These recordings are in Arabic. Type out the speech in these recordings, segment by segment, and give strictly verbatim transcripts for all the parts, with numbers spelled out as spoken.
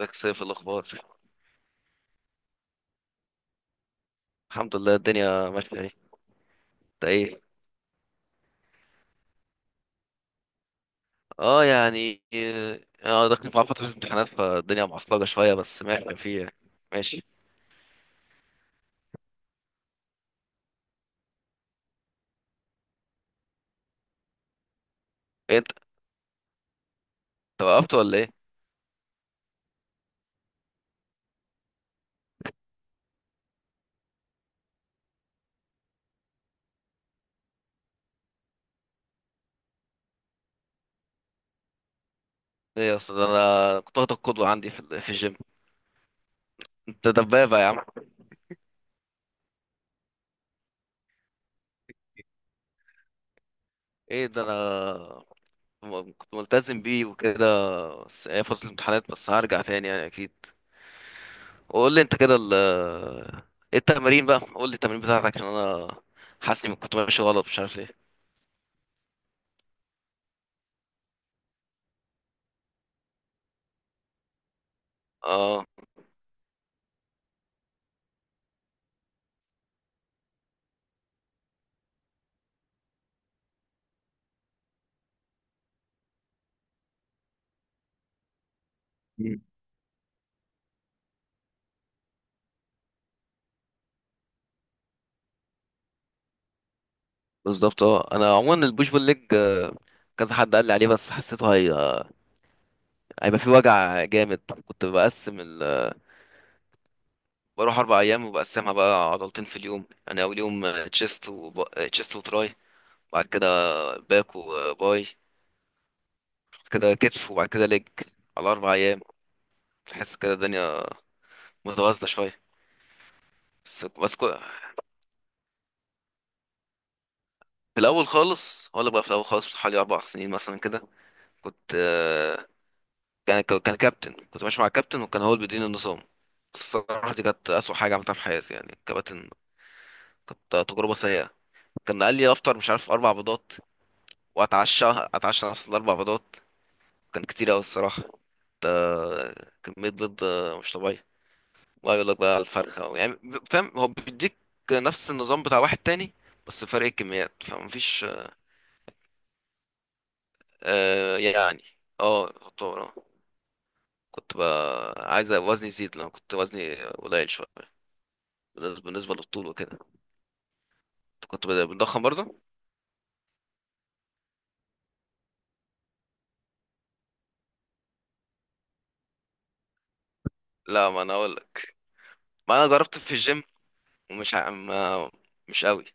ازيك يا سيف؟ الاخبار؟ الحمد لله الدنيا ماشيه. ايه انت؟ ايه اه يعني اه. انا داخل مع فتره امتحانات، فالدنيا معصلجه شويه بس ماشي فيه يعني. ماشي. إيه انت؟ انت وقفت ولا ايه؟ ايه، اصل ده انا كنت واخد القدوه عندي في ال- في الجيم. انت دبابه يا عم. ايه ده، انا م- كنت ملتزم بيه وكده، بس هي فتره الامتحانات بس، هرجع تاني يعني اكيد. وقول لي انت كده، ال ايه التمارين بقى؟ قول لي التمارين بتاعتك، عشان انا حاسس اني كنت ماشي غلط مش عارف ليه. اه، بالظبط. اه انا عموما البوش بول ليج، آه، كذا حد قال لي عليه، بس حسيته هي... هيبقى فيه وجع جامد. كنت بقسم ال... بروح اربع ايام وبقسمها بقى عضلتين في اليوم، يعني اول يوم تشيست وب... تشيست وتراي، بعد كده باك وباي، بعد كده كتف، وبعد كده ليج. على اربع ايام تحس كده الدنيا متوازنه شويه. بس بس كو... في الاول خالص، ولا بقى في الاول خالص حوالي اربع سنين مثلا كده كنت، آه، كان كان كابتن، كنت ماشي مع كابتن وكان هو اللي بيديني النظام، بس الصراحة دي كانت أسوأ حاجة عملتها في حياتي يعني. كباتن، كانت تجربة سيئة. كان قال لي أفطر مش عارف أربع بيضات، وأتعشى، أتعشى نفس الأربع بيضات. كان كتير أوي الصراحة. ده كمية بيض مش طبيعية. بقى يقول لك بقى الفرخة يعني، فاهم؟ هو بيديك نفس النظام بتاع واحد تاني، بس فرق الكميات فمفيش. آه يعني، اه يعتبر، اه. كنت بقى عايز وزني يزيد، لأن كنت وزني قليل شوية بالنسبة بالنسبة للطول وكده. انت كنت بت- بتضخم برضه؟ لا، ما انا اقول لك، ما انا جربت في الجيم ومش ع- ما مش قوي،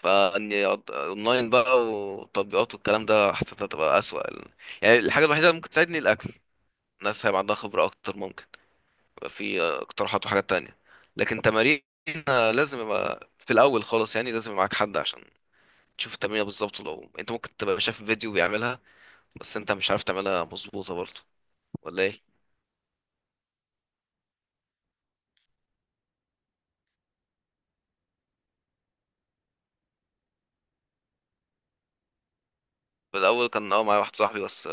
فاني أض- اونلاين بقى وتطبيقات والكلام ده، حسيتها تبقى اسوأ يعني. الحاجة الوحيدة اللي ممكن تساعدني الاكل، الناس هيبقى عندها خبرة اكتر، ممكن يبقى في اقتراحات وحاجات تانية. لكن تمارين، آه، لازم يبقى في الاول خالص، يعني لازم يبقى معاك حد عشان تشوف التمرينة بالظبط. لو انت ممكن تبقى شايف فيديو بيعملها، بس انت مش عارف تعملها مظبوطة برضه، ولا ايه؟ في الاول كان اه معايا واحد صاحبي بس،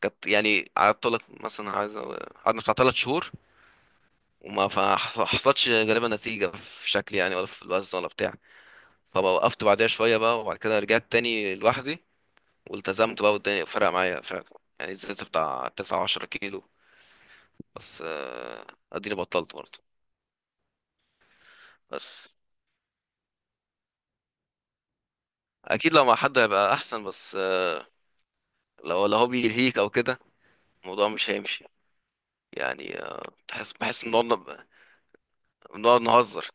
كانت يعني قعدت لك مثلا عايز قعدنا بتاع تلات شهور وما فح- حصلتش غالبا نتيجة في شكلي، يعني ولا في الوزن ولا بتاع. فوقفت بعدها شوية بقى، وبعد كده رجعت تاني لوحدي والتزمت بقى، والدنيا فرق معايا فعلا. يعني زدت بتاع تسعة عشرة كيلو، بس آه، اديني بطلت برضه. بس اكيد لو مع حد هيبقى احسن، بس آه، لو لو هو بيلهيك او كده، الموضوع مش هيمشي يعني. آه، بحس بحس ان بنقعد، بنقعد نهزر.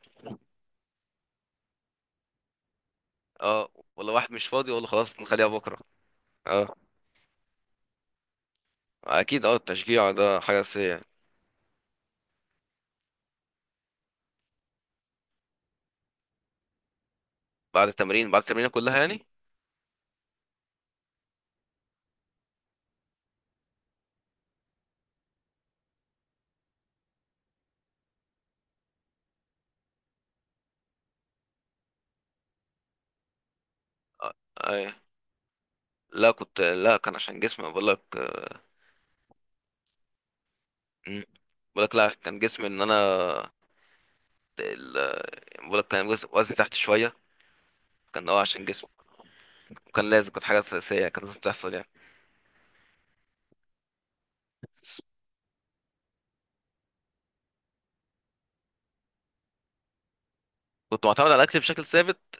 اه، ولا واحد مش فاضي اقول له خلاص نخليها بكرة. اه اكيد، اه التشجيع ده حاجه اساسيه يعني. بعد التمرين بعد التمرين كلها يعني. أي. لا، كنت، لا كان عشان جسمي، بقول لك. مم. بقول لك، لا كان جسمي ان انا ال... بقول لك كان وز- وزني تحت شويه، كان اه عشان جسمي، وكان لازم، كانت حاجه اساسيه يعني، كانت لازم تحصل يعني. كنت معتمد على الاكل بشكل ثابت،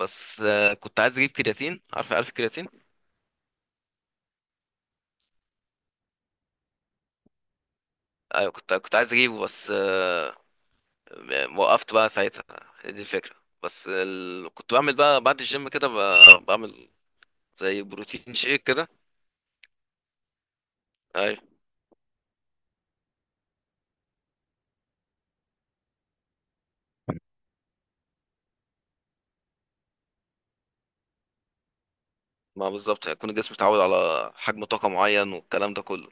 بس آه، كنت عايز اجيب كرياتين. عارف عارف الكرياتين؟ ايوه كنت كنت عايز اجيبه، بس آه، وقفت بقى ساعتها. هي دي الفكره. بس ال... كنت بعمل بقى بعد الجيم كده، ب- بعمل زي بروتين شيك كده. ايوه، ما بالظبط، هيكون الجسم اتعود على حجم طاقة معين والكلام ده كله.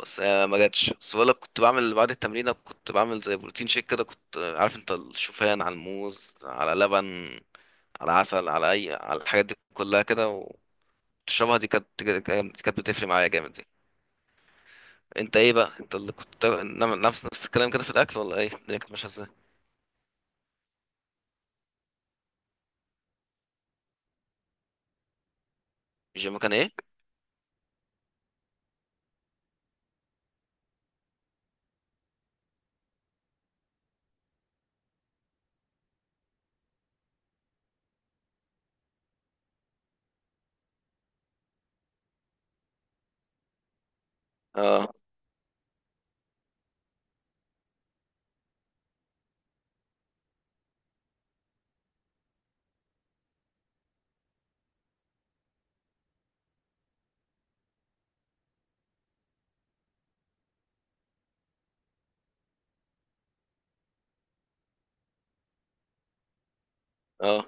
بس هي ما جاتش. بس بقولك كنت بعمل بعد التمرين، كنت بعمل زي بروتين شيك كده. كنت عارف انت، الشوفان على الموز على لبن على عسل، على اي، على الحاجات دي كلها كده وتشربها. دي كانت، دي كانت بتفرق معايا جامد دي. انت ايه بقى؟ انت اللي كنت بتاع- نعمل نفس نفس الكلام كده في الاكل، ولا ايه الدنيا كانت ماشيه ازاي؟ الجيم كان ايه؟ اه. اه.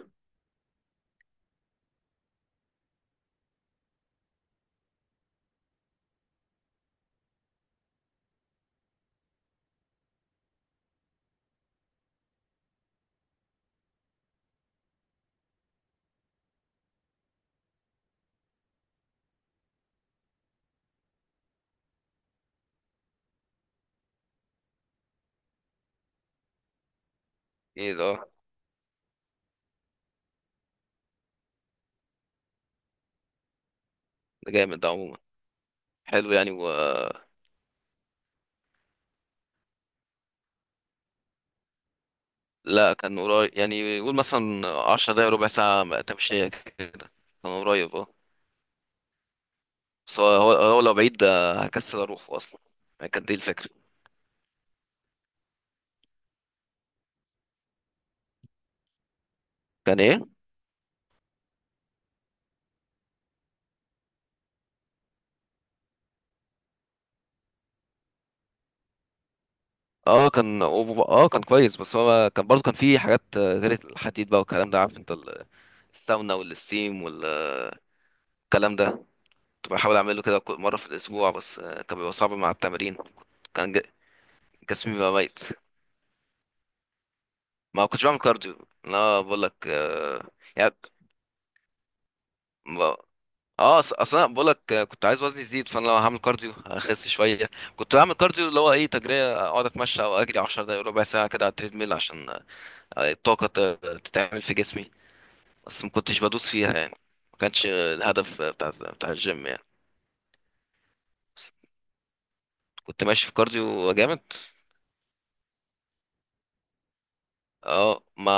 ايه ده، اه، ده جامد ده عموما، حلو يعني. لا كان قريب يعني. يقول مثلا عشر دقايق ربع ساعة تمشية كده، كان قريب اه. بس هو هو هو لو بعيد آه، هكسل اروح اصلا. يعني كانت دي الفكرة. كان ايه؟ اه كان، اه كان كويس. بس هو كان برضه كان فيه حاجات آه، غير الحديد بقى والكلام ده، عارف انت ال- الساونا والستيم والكلام ده، كنت بحاول اعمله كده كل مرة في الاسبوع، بس آه، كان بيبقى صعب مع التمارين. كان ج- جسمي بقى ميت. ما كنتش بعمل كارديو انا، بقول لك آه، يعني. ب- اه، أص- اصل انا بقول لك كنت عايز وزني يزيد، فانا لو هعمل كارديو هخس شويه. كنت بعمل كارديو اللي هو ايه، تجريه، اقعد اتمشى او اجري عشر دقايق ربع ساعه كده على التريد ميل، عشان آه، الطاقه ت- تتعمل في جسمي، بس ما كنتش بدوس فيها يعني. ما كانش الهدف بتاع بتاع الجيم يعني. بس كنت ماشي في كارديو جامد. اه، ما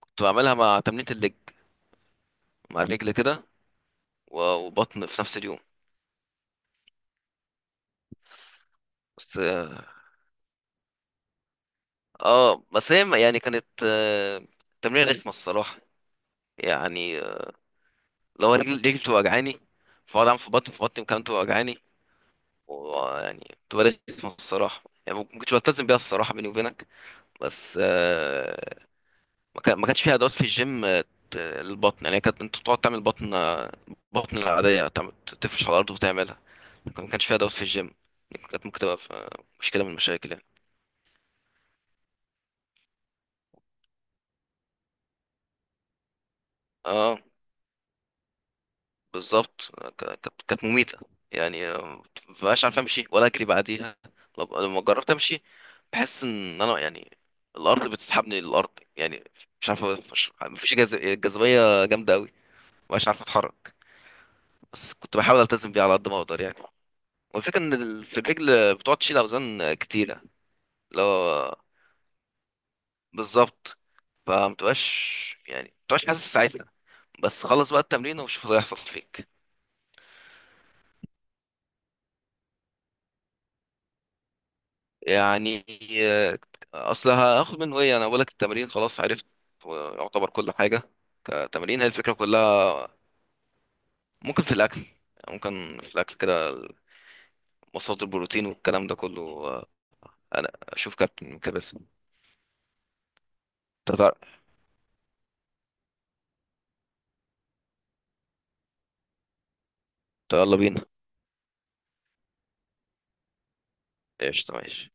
كنت بعملها مع تمرينة الليج، مع الرجل كده، و- وبطن في نفس اليوم. بس اه، آه، بس هي يعني كانت، آه، تمرين رخمة الصراحة يعني. لو رجلي، رجلي بتبقى وجعاني، فاقعد اعمل في بطني، في بطني كمان بتبقى وجعاني، ويعني بتبقى رخمة الصراحة يعني. ما كنتش بلتزم بيها الصراحة بيني وبينك، بس آه، ما كان- ما كانش فيها ادوات في الجيم آه، ت- للبطن. يعني كانت انت بتقعد تعمل بطن، آه، بطن العادية، تعمل- تفرش على الأرض وتعملها، لكن ما كانش فيها ادوات في الجيم. كانت ممكن تبقى في- آه، مشكلة من المشاكل يعني. اه بالظبط، ك- كانت كانت مميتة يعني. آه، مبقاش عارف امشي ولا اجري بعديها. لب- لما جربت امشي، بحس ان انا يعني الارض بتسحبني للارض يعني. مش عارف، مش- مفيش جاذ- جاذبية جامدة قوي، مبقاش عارف اتحرك. بس كنت بحاول التزم بيها على قد ما اقدر يعني. والفكرة ان ال- في الرجل بتقعد تشيل اوزان كتيرة، اللي هو، بالظبط، فمتبقاش يعني، متبقاش حاسس ساعتها. بس خلص بقى التمرين وشوف اللي هيحصل فيك. يعني آه، اصل هاخد منه ايه؟ انا بقولك التمرين خلاص عرفت، يعتبر كل حاجه. كتمرين هي الفكره كلها. ممكن في الاكل، ممكن في الاكل كده، مصادر البروتين والكلام ده كله، آه، انا اشوف كابتن كده بس. يلا بينا. ايش، ماشي.